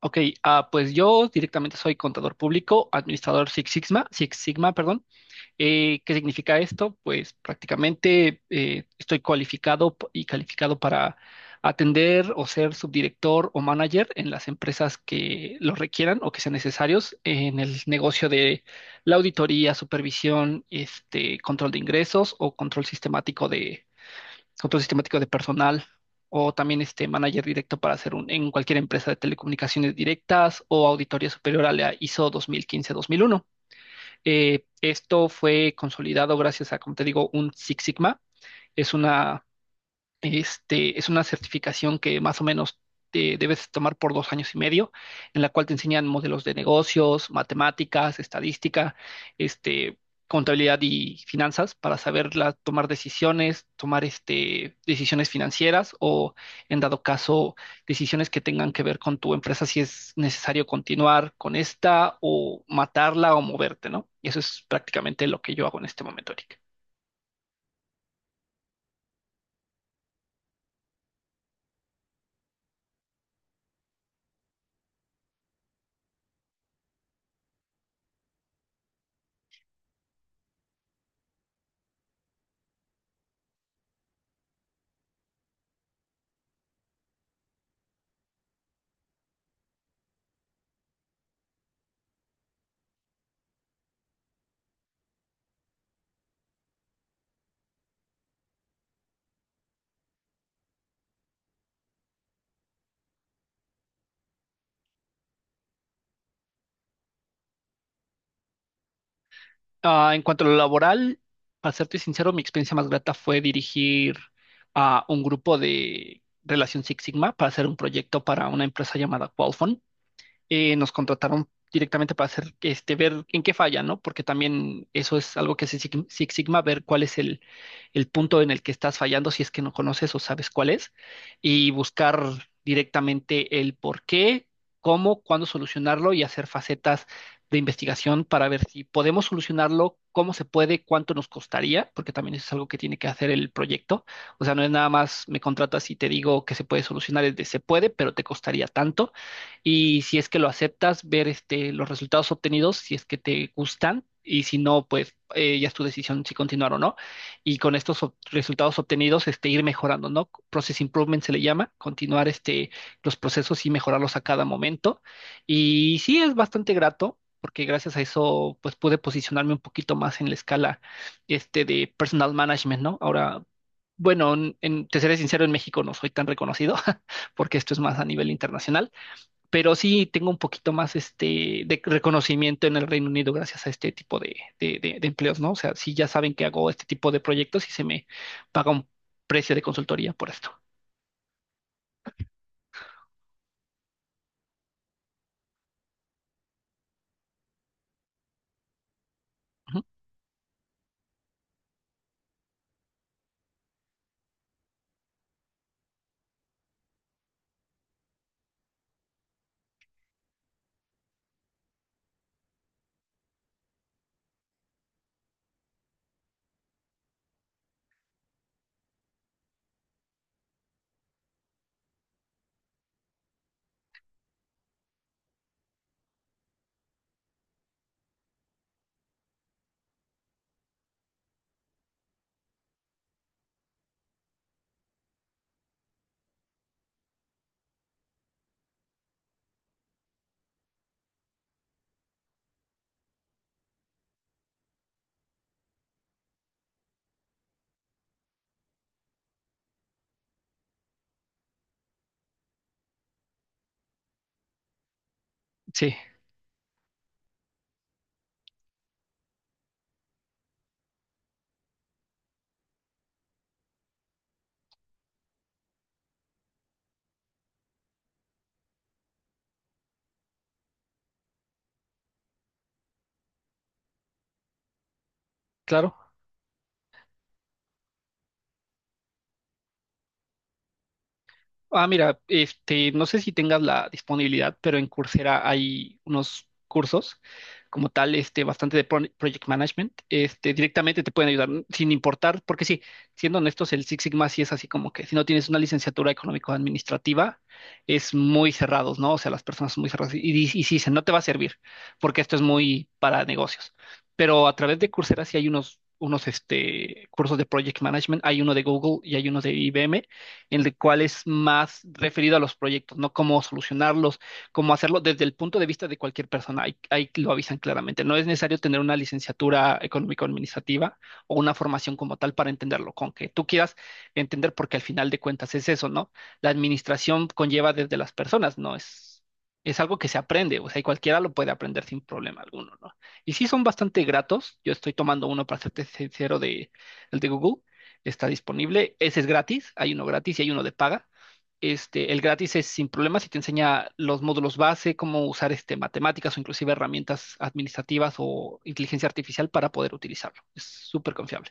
Ok, pues yo directamente soy contador público, administrador Six Sigma, Six Sigma, perdón. ¿Qué significa esto? Pues prácticamente estoy cualificado y calificado para atender o ser subdirector o manager en las empresas que lo requieran o que sean necesarios en el negocio de la auditoría, supervisión, este, control de ingresos o control sistemático de personal, o también este manager directo para hacer un, en cualquier empresa de telecomunicaciones directas o auditoría superior a la ISO 2015-2001. Esto fue consolidado gracias a, como te digo, un Six Sigma. Es una es una certificación que más o menos te debes tomar por 2 años y medio, en la cual te enseñan modelos de negocios, matemáticas, estadística, este, contabilidad y finanzas para saber tomar decisiones, tomar decisiones financieras o, en dado caso, decisiones que tengan que ver con tu empresa, si es necesario continuar con esta o matarla o moverte, ¿no? Y eso es prácticamente lo que yo hago en este momento, Eric. Ah, en cuanto a lo laboral, para serte sincero, mi experiencia más grata fue dirigir a un grupo de Relación Six Sigma para hacer un proyecto para una empresa llamada Qualphone. Nos contrataron directamente para hacer, este, ver en qué falla, ¿no? Porque también eso es algo que Six Sigma, ver cuál es el punto en el que estás fallando, si es que no conoces o sabes cuál es, y buscar directamente el por qué, cómo, cuándo solucionarlo y hacer facetas de investigación para ver si podemos solucionarlo, cómo se puede, cuánto nos costaría, porque también eso es algo que tiene que hacer el proyecto. O sea, no es nada más me contratas y te digo que se puede solucionar, es de se puede, pero te costaría tanto, y si es que lo aceptas, ver este, los resultados obtenidos, si es que te gustan y si no, pues ya es tu decisión si continuar o no. Y con estos resultados obtenidos, este, ir mejorando, ¿no? Process improvement se le llama, continuar este, los procesos y mejorarlos a cada momento. Y sí es bastante grato, porque gracias a eso pues pude posicionarme un poquito más en la escala este de personal management, ¿no? Ahora, bueno, te seré sincero, en México no soy tan reconocido porque esto es más a nivel internacional, pero sí tengo un poquito más este de reconocimiento en el Reino Unido gracias a este tipo de, de empleos, ¿no? O sea, sí ya saben que hago este tipo de proyectos y se me paga un precio de consultoría por esto. Ujú. Sí, claro. Ah, mira, este, no sé si tengas la disponibilidad, pero en Coursera hay unos cursos como tal, este, bastante de project management, este, directamente te pueden ayudar sin importar, porque sí, siendo honestos, el Six Sigma sí es así como que si no tienes una licenciatura económico-administrativa, es muy cerrados, ¿no? O sea, las personas son muy cerradas y, y sí dicen, no te va a servir, porque esto es muy para negocios. Pero a través de Coursera sí hay unos cursos de project management, hay uno de Google y hay uno de IBM en el cual es más referido a los proyectos, ¿no? Cómo solucionarlos, cómo hacerlo desde el punto de vista de cualquier persona. Ahí lo avisan claramente. No es necesario tener una licenciatura económico-administrativa o una formación como tal para entenderlo, con que tú quieras entender, porque al final de cuentas es eso, ¿no? La administración conlleva desde las personas, no es es algo que se aprende, o sea, y cualquiera lo puede aprender sin problema alguno, ¿no? Y sí son bastante gratos, yo estoy tomando uno para serte sincero, de el de Google, está disponible. Ese es gratis, hay uno gratis y hay uno de paga. Este, el gratis es sin problemas y te enseña los módulos base, cómo usar este, matemáticas o inclusive herramientas administrativas o inteligencia artificial para poder utilizarlo. Es súper confiable.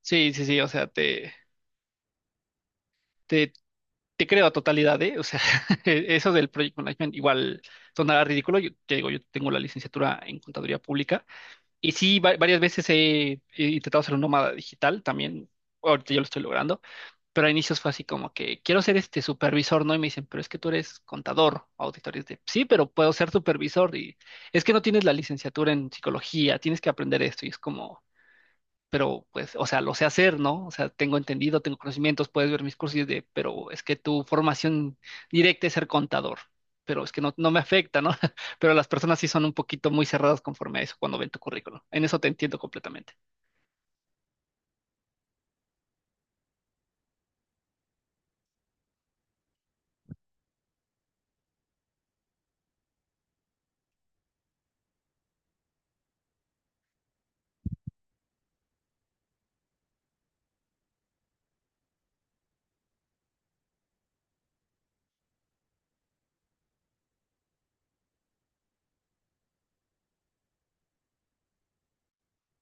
Sí, sí, sí, o sea, te, te creo a totalidad, ¿eh? O sea, eso del Project Management igual sonará ridículo. Yo te digo, yo tengo la licenciatura en contaduría pública y sí, varias veces he intentado ser un nómada digital también. Ahorita yo lo estoy logrando. Pero a inicios fue así como que quiero ser este supervisor, ¿no? Y me dicen, pero es que tú eres contador, auditor. Y es de, sí, pero puedo ser supervisor. Y es que no tienes la licenciatura en psicología, tienes que aprender esto. Y es como, pero pues, o sea, lo sé hacer, ¿no? O sea, tengo entendido, tengo conocimientos, puedes ver mis cursos y es de, pero es que tu formación directa es ser contador. Pero es que no, no me afecta, ¿no? Pero las personas sí son un poquito muy cerradas conforme a eso cuando ven tu currículum. En eso te entiendo completamente.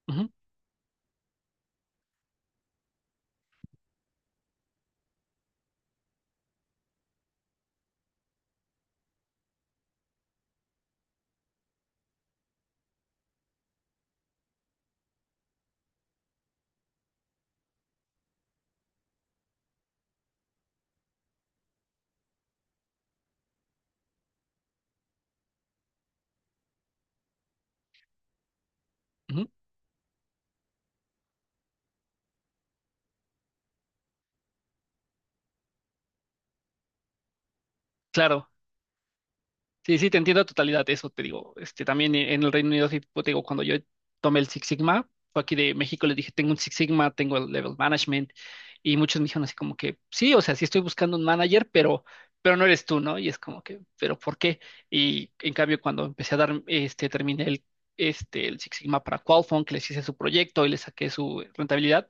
Ujú, ujú. Claro. Sí, sí, te entiendo a totalidad, eso te digo. Este, también en el Reino Unido, sí, pues, te digo, cuando yo tomé el Six Sigma, fue aquí de México, les dije, tengo un Six Sigma, tengo el Level Management, y muchos me dijeron así como que, sí, o sea, sí estoy buscando un manager, pero no eres tú, ¿no? Y es como que, ¿pero por qué? Y en cambio, cuando empecé a dar, este, el Six Sigma para Qualphone, que les hice su proyecto y les saqué su rentabilidad,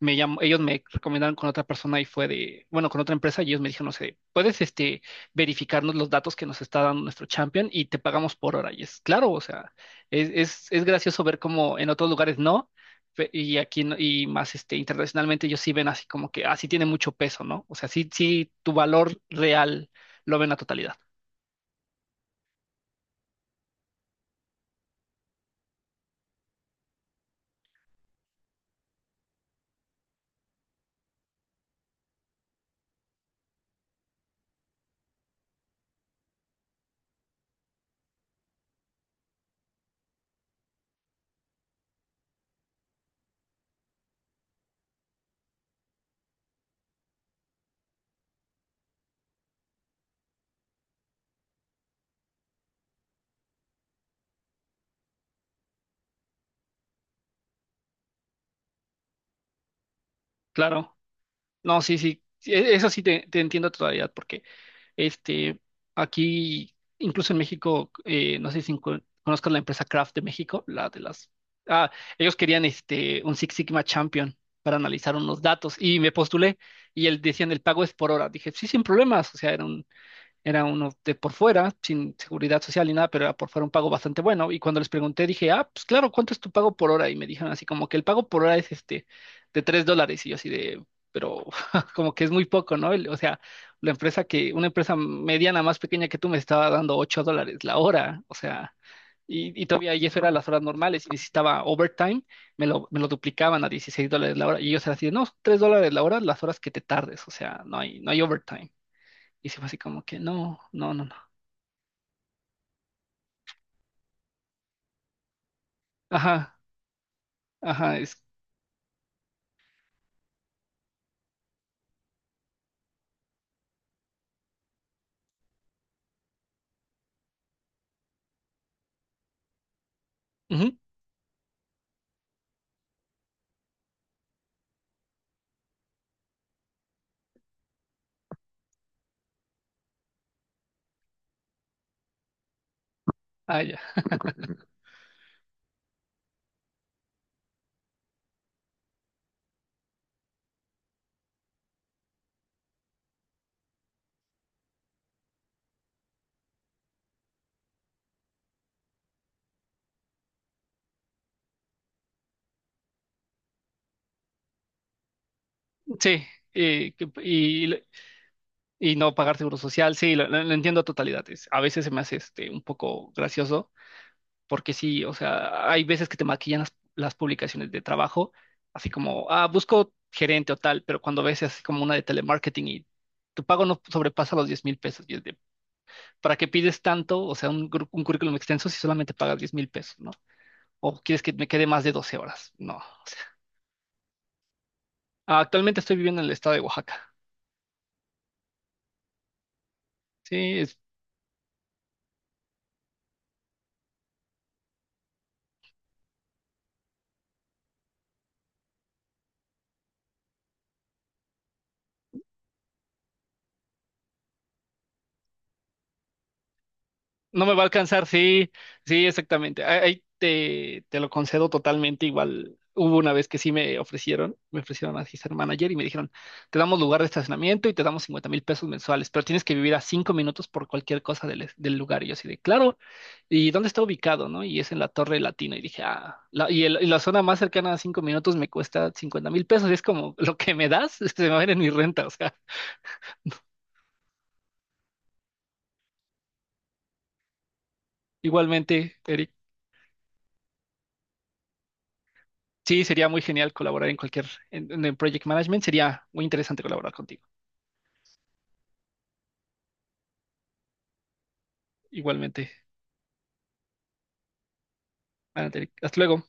me llamó, ellos me recomendaron con otra persona y fue de, bueno, con otra empresa, y ellos me dijeron, no sé, puedes, este, verificarnos los datos que nos está dando nuestro champion y te pagamos por hora. Y es claro, o sea, es gracioso ver cómo en otros lugares no, y aquí no- y más este, internacionalmente ellos sí ven así como que, así tiene mucho peso, ¿no? O sea, sí, sí, tu valor real lo ven a totalidad. Claro, no, sí, sí, sí, eso sí te entiendo a totalidad, porque este, aquí, incluso en México, no sé si conozcas la empresa Kraft de México, la de las... Ah, ellos querían este, un Six Sigma Champion para analizar unos datos y me postulé y él decían el pago es por hora. Dije, sí, sin problemas, o sea, era uno de por fuera, sin seguridad social ni nada, pero era por fuera un pago bastante bueno. Y cuando les pregunté, dije, ah, pues claro, ¿cuánto es tu pago por hora? Y me dijeron así como que el pago por hora es este de 3 dólares. Y yo así de, pero como que es muy poco, ¿no? O sea, la empresa que, una empresa mediana más pequeña que tú me estaba dando 8 dólares la hora. O sea, y todavía y eso era las horas normales. Y necesitaba overtime, me lo duplicaban a 16 dólares la hora. Y ellos eran así de, no, 3 dólares la hora, las horas que te tardes. O sea, no hay overtime. Y se fue así como que, no, no, no, no. Ajá, ajá, es... ujú, ah, ya. Sí, eh, que- y, lo- y no pagar seguro social, sí, lo entiendo a totalidad. A veces se me hace este, un poco gracioso, porque sí, o sea, hay veces que te maquillan las publicaciones de trabajo, así como, ah, busco gerente o tal, pero cuando ves así como una de telemarketing y tu pago no sobrepasa los 10.000 pesos, y es de, ¿para qué pides tanto? O sea, un currículum extenso si solamente pagas 10.000 pesos, ¿no? ¿O quieres que me quede más de 12 horas? No. Actualmente estoy viviendo en el estado de Oaxaca. Sí, no me va a alcanzar, sí, sí, exactamente. Ahí te lo concedo totalmente. Igual hubo una vez que sí me ofrecieron así ser manager y me dijeron, te damos lugar de estacionamiento y te damos 50.000 pesos mensuales, pero tienes que vivir a 5 minutos por cualquier cosa del lugar. Y yo así de, claro, ¿y dónde está ubicado, no? Y es en la Torre Latina. Y dije, la zona más cercana a 5 minutos me cuesta 50.000 pesos. Y es como, lo que me das, se me va a ir en mi renta. O sea, igualmente, Eric. Sí, sería muy genial colaborar en cualquier, en el Project Management, sería muy interesante colaborar contigo. Igualmente, Anate, hasta luego.